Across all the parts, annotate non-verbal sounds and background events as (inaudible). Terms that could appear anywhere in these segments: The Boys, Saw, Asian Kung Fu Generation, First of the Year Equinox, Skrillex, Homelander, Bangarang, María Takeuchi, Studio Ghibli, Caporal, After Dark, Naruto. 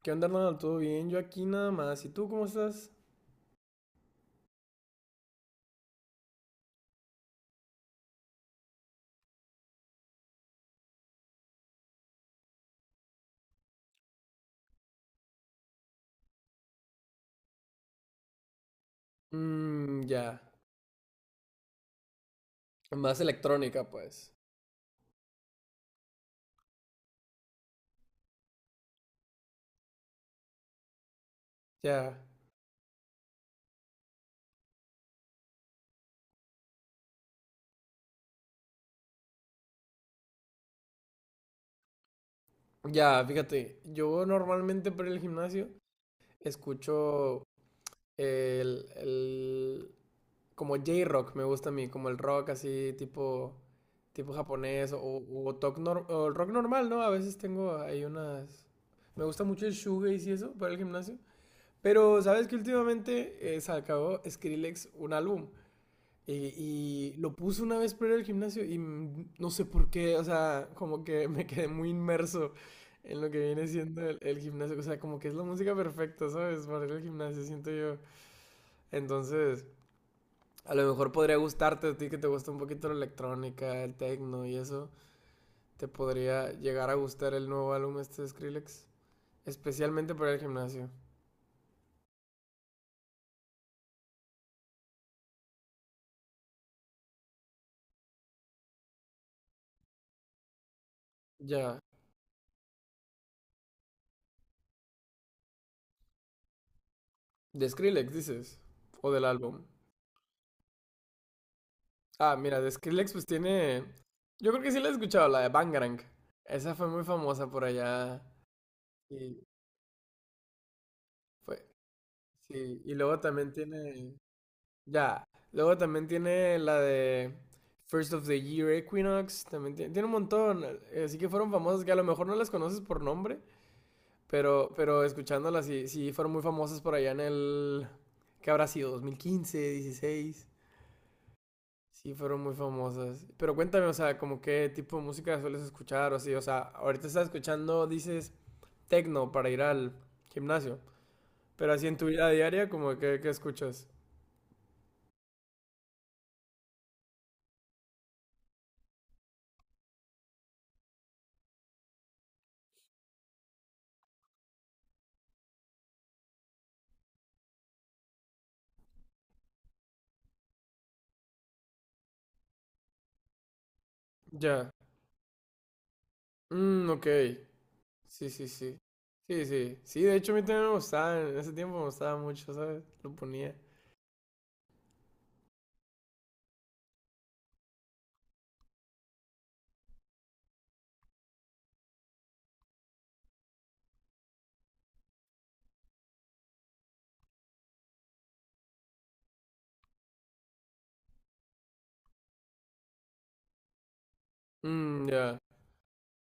¿Qué onda, Arnold? ¿Todo bien? Yo aquí nada más. ¿Y tú cómo estás? Mmm, ya. Más electrónica, pues. Ya. Ya, fíjate. Yo normalmente para el gimnasio escucho el, el- como J-rock, me gusta a mí, como el rock así tipo japonés o, toc nor- o el rock normal, ¿no? A veces tengo ahí unas, me gusta mucho el shoegaze y eso para el gimnasio, pero sabes que últimamente sacó Skrillex un álbum. Y lo puse una vez para ir al gimnasio y no sé por qué, o sea, como que (laughs) me quedé muy inmerso en lo que viene siendo el gimnasio. O sea, como que es la música perfecta, ¿sabes? Para ir al gimnasio, siento yo. Entonces, a lo mejor podría gustarte a ti que te gusta un poquito la electrónica, el techno y eso. Te podría llegar a gustar el nuevo álbum este de Skrillex. Especialmente para el gimnasio. Ya. ¿De Skrillex dices? ¿O del álbum? Ah, mira, de Skrillex pues tiene... Yo creo que sí la he escuchado, la de Bangarang. Esa fue muy famosa por allá. Y fue... Sí, y luego también tiene... Ya, luego también tiene la de First of the Year Equinox. También tiene un montón. Así que fueron famosas que a lo mejor no las conoces por nombre, pero escuchándolas sí, sí fueron muy famosas por allá en el... ¿Qué habrá sido? 2015, dieciséis. Sí, fueron muy famosas. Pero cuéntame, o sea, como qué tipo de música sueles escuchar o así. O sea, ahorita estás escuchando, dices, tecno para ir al gimnasio. Pero así en tu vida diaria, como que, ¿qué escuchas? Ya. Mm, ok. Sí, sí, sí. Sí, sí. Sí, de hecho a mí también me gustaba. En ese tiempo me gustaba mucho, ¿sabes? Lo ponía. Mm, ya.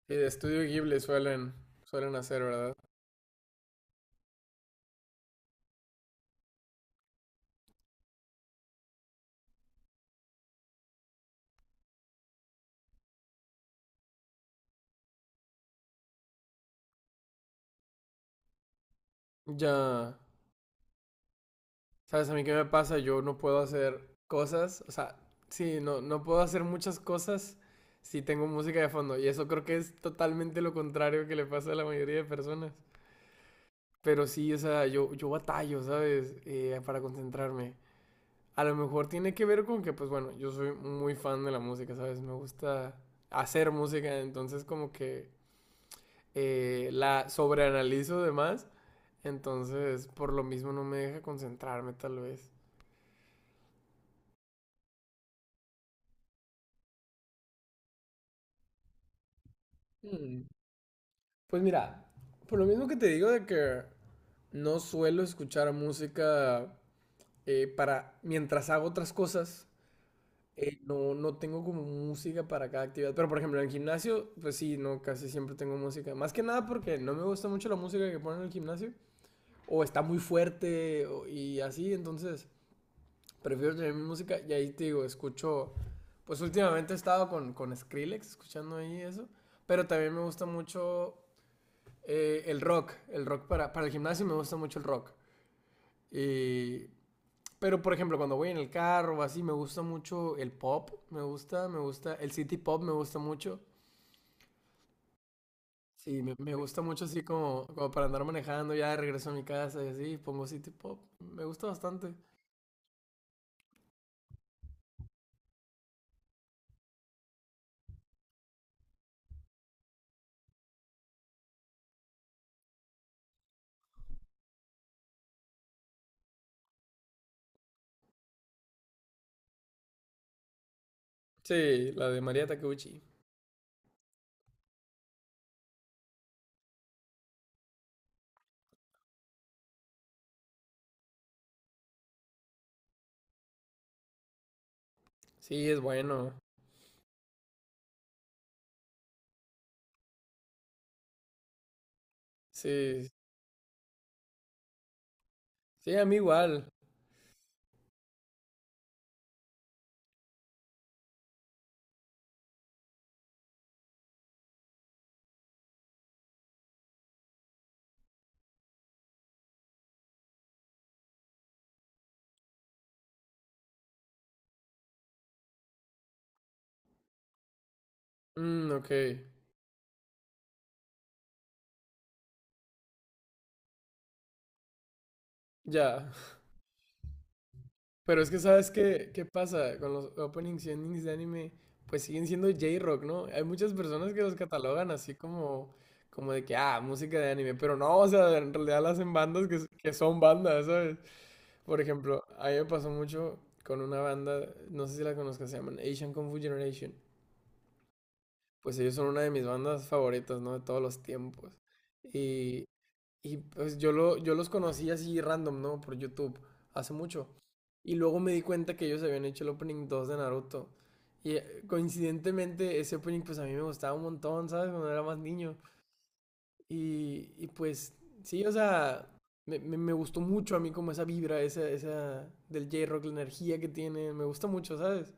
Y de estudio Ghibli suelen, suelen hacer, ¿verdad? Ya. ¿Sabes a mí qué me pasa? Yo no puedo hacer cosas, o sea, sí, no, no puedo hacer muchas cosas si tengo música de fondo. Y eso creo que es totalmente lo contrario que le pasa a la mayoría de personas. Pero sí, o sea, yo batallo, ¿sabes? Para concentrarme. A lo mejor tiene que ver con que, pues bueno, yo soy muy fan de la música, ¿sabes? Me gusta hacer música, entonces como que la sobreanalizo de más. Entonces, por lo mismo no me deja concentrarme tal vez. Mm. Pues mira, por lo mismo que te digo de que no suelo escuchar música para mientras hago otras cosas, no, no tengo como música para cada actividad. Pero por ejemplo, en el gimnasio, pues sí, no, casi siempre tengo música. Más que nada porque no me gusta mucho la música que ponen en el gimnasio, o está muy fuerte o- y así, entonces prefiero tener mi música y ahí te digo, escucho, pues últimamente he estado con Skrillex, escuchando ahí eso. Pero también me gusta mucho el rock para el gimnasio me gusta mucho el rock. Y, pero por ejemplo, cuando voy en el carro o así, me gusta mucho el pop, el city pop me gusta mucho. Sí, me gusta mucho así como, como para andar manejando ya de regreso a mi casa y así, pongo city pop. Me gusta bastante. Sí, la de María Takeuchi. Sí, es bueno. Sí, sí, a mí igual. Mm, ok, ya. Pero es que sabes qué, qué pasa con los openings y endings de anime, pues siguen siendo J-Rock, ¿no? Hay muchas personas que los catalogan así como, como de que, ah, música de anime, pero no, o sea, en realidad las hacen bandas que, que son bandas, ¿sabes? Por ejemplo, a mí me pasó mucho con una banda, no sé si la conozcas, se llaman Asian Kung Fu Generation. Pues ellos son una de mis bandas favoritas, ¿no? De todos los tiempos. Y pues yo, lo, yo los conocí así random, ¿no? Por YouTube, hace mucho. Y luego me di cuenta que ellos habían hecho el opening 2 de Naruto. Y coincidentemente ese opening pues a mí me gustaba un montón, ¿sabes? Cuando era más niño. Y pues sí, o sea, me gustó mucho a mí como esa vibra, esa del J-Rock, la energía que tiene, me gusta mucho, ¿sabes?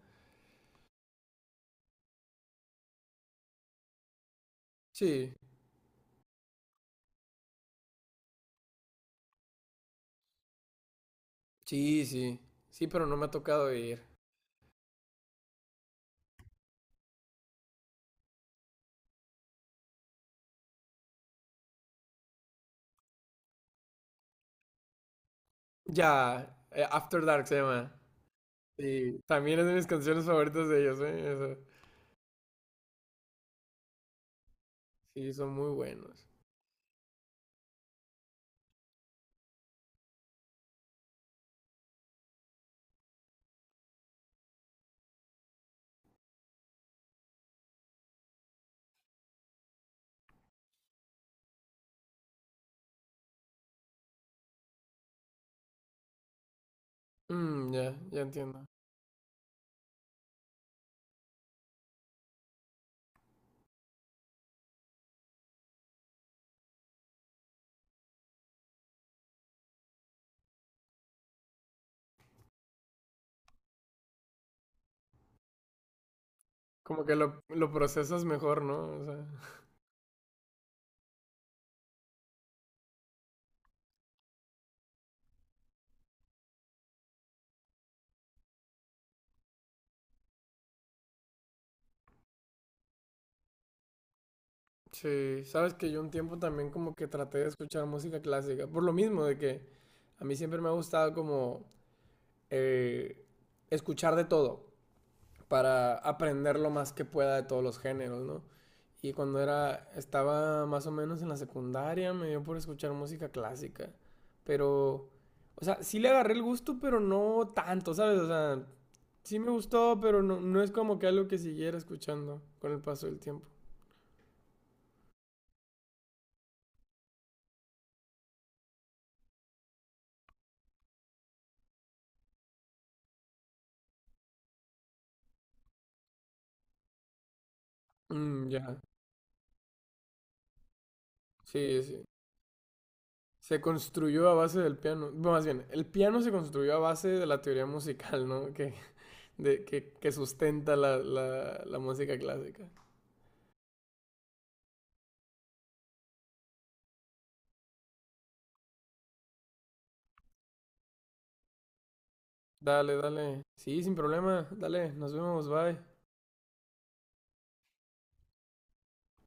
Sí, sí, sí, sí, pero no me ha tocado ir. Ya, After Dark se llama. Sí, también es de mis canciones favoritas de ellos, ¿eh? Eso. Sí, son muy buenos. Mm, ya, ya entiendo. Como que lo procesas mejor, ¿no? O sea, (laughs) sí, sabes que yo un tiempo también como que traté de escuchar música clásica, por lo mismo de que a mí siempre me ha gustado como eh, escuchar de todo para aprender lo más que pueda de todos los géneros, ¿no? Y cuando era, estaba más o menos en la secundaria, me dio por escuchar música clásica, pero, o sea, sí le agarré el gusto, pero no tanto, ¿sabes? O sea, sí me gustó, pero no, no es como que algo que siguiera escuchando con el paso del tiempo. Mm, ya, sí, sí. Se construyó a base del piano. Bueno, más bien, el piano se construyó a base de la teoría musical, ¿no? Que, que sustenta la, la, la música clásica. Dale, dale. Sí, sin problema. Dale, nos vemos, bye.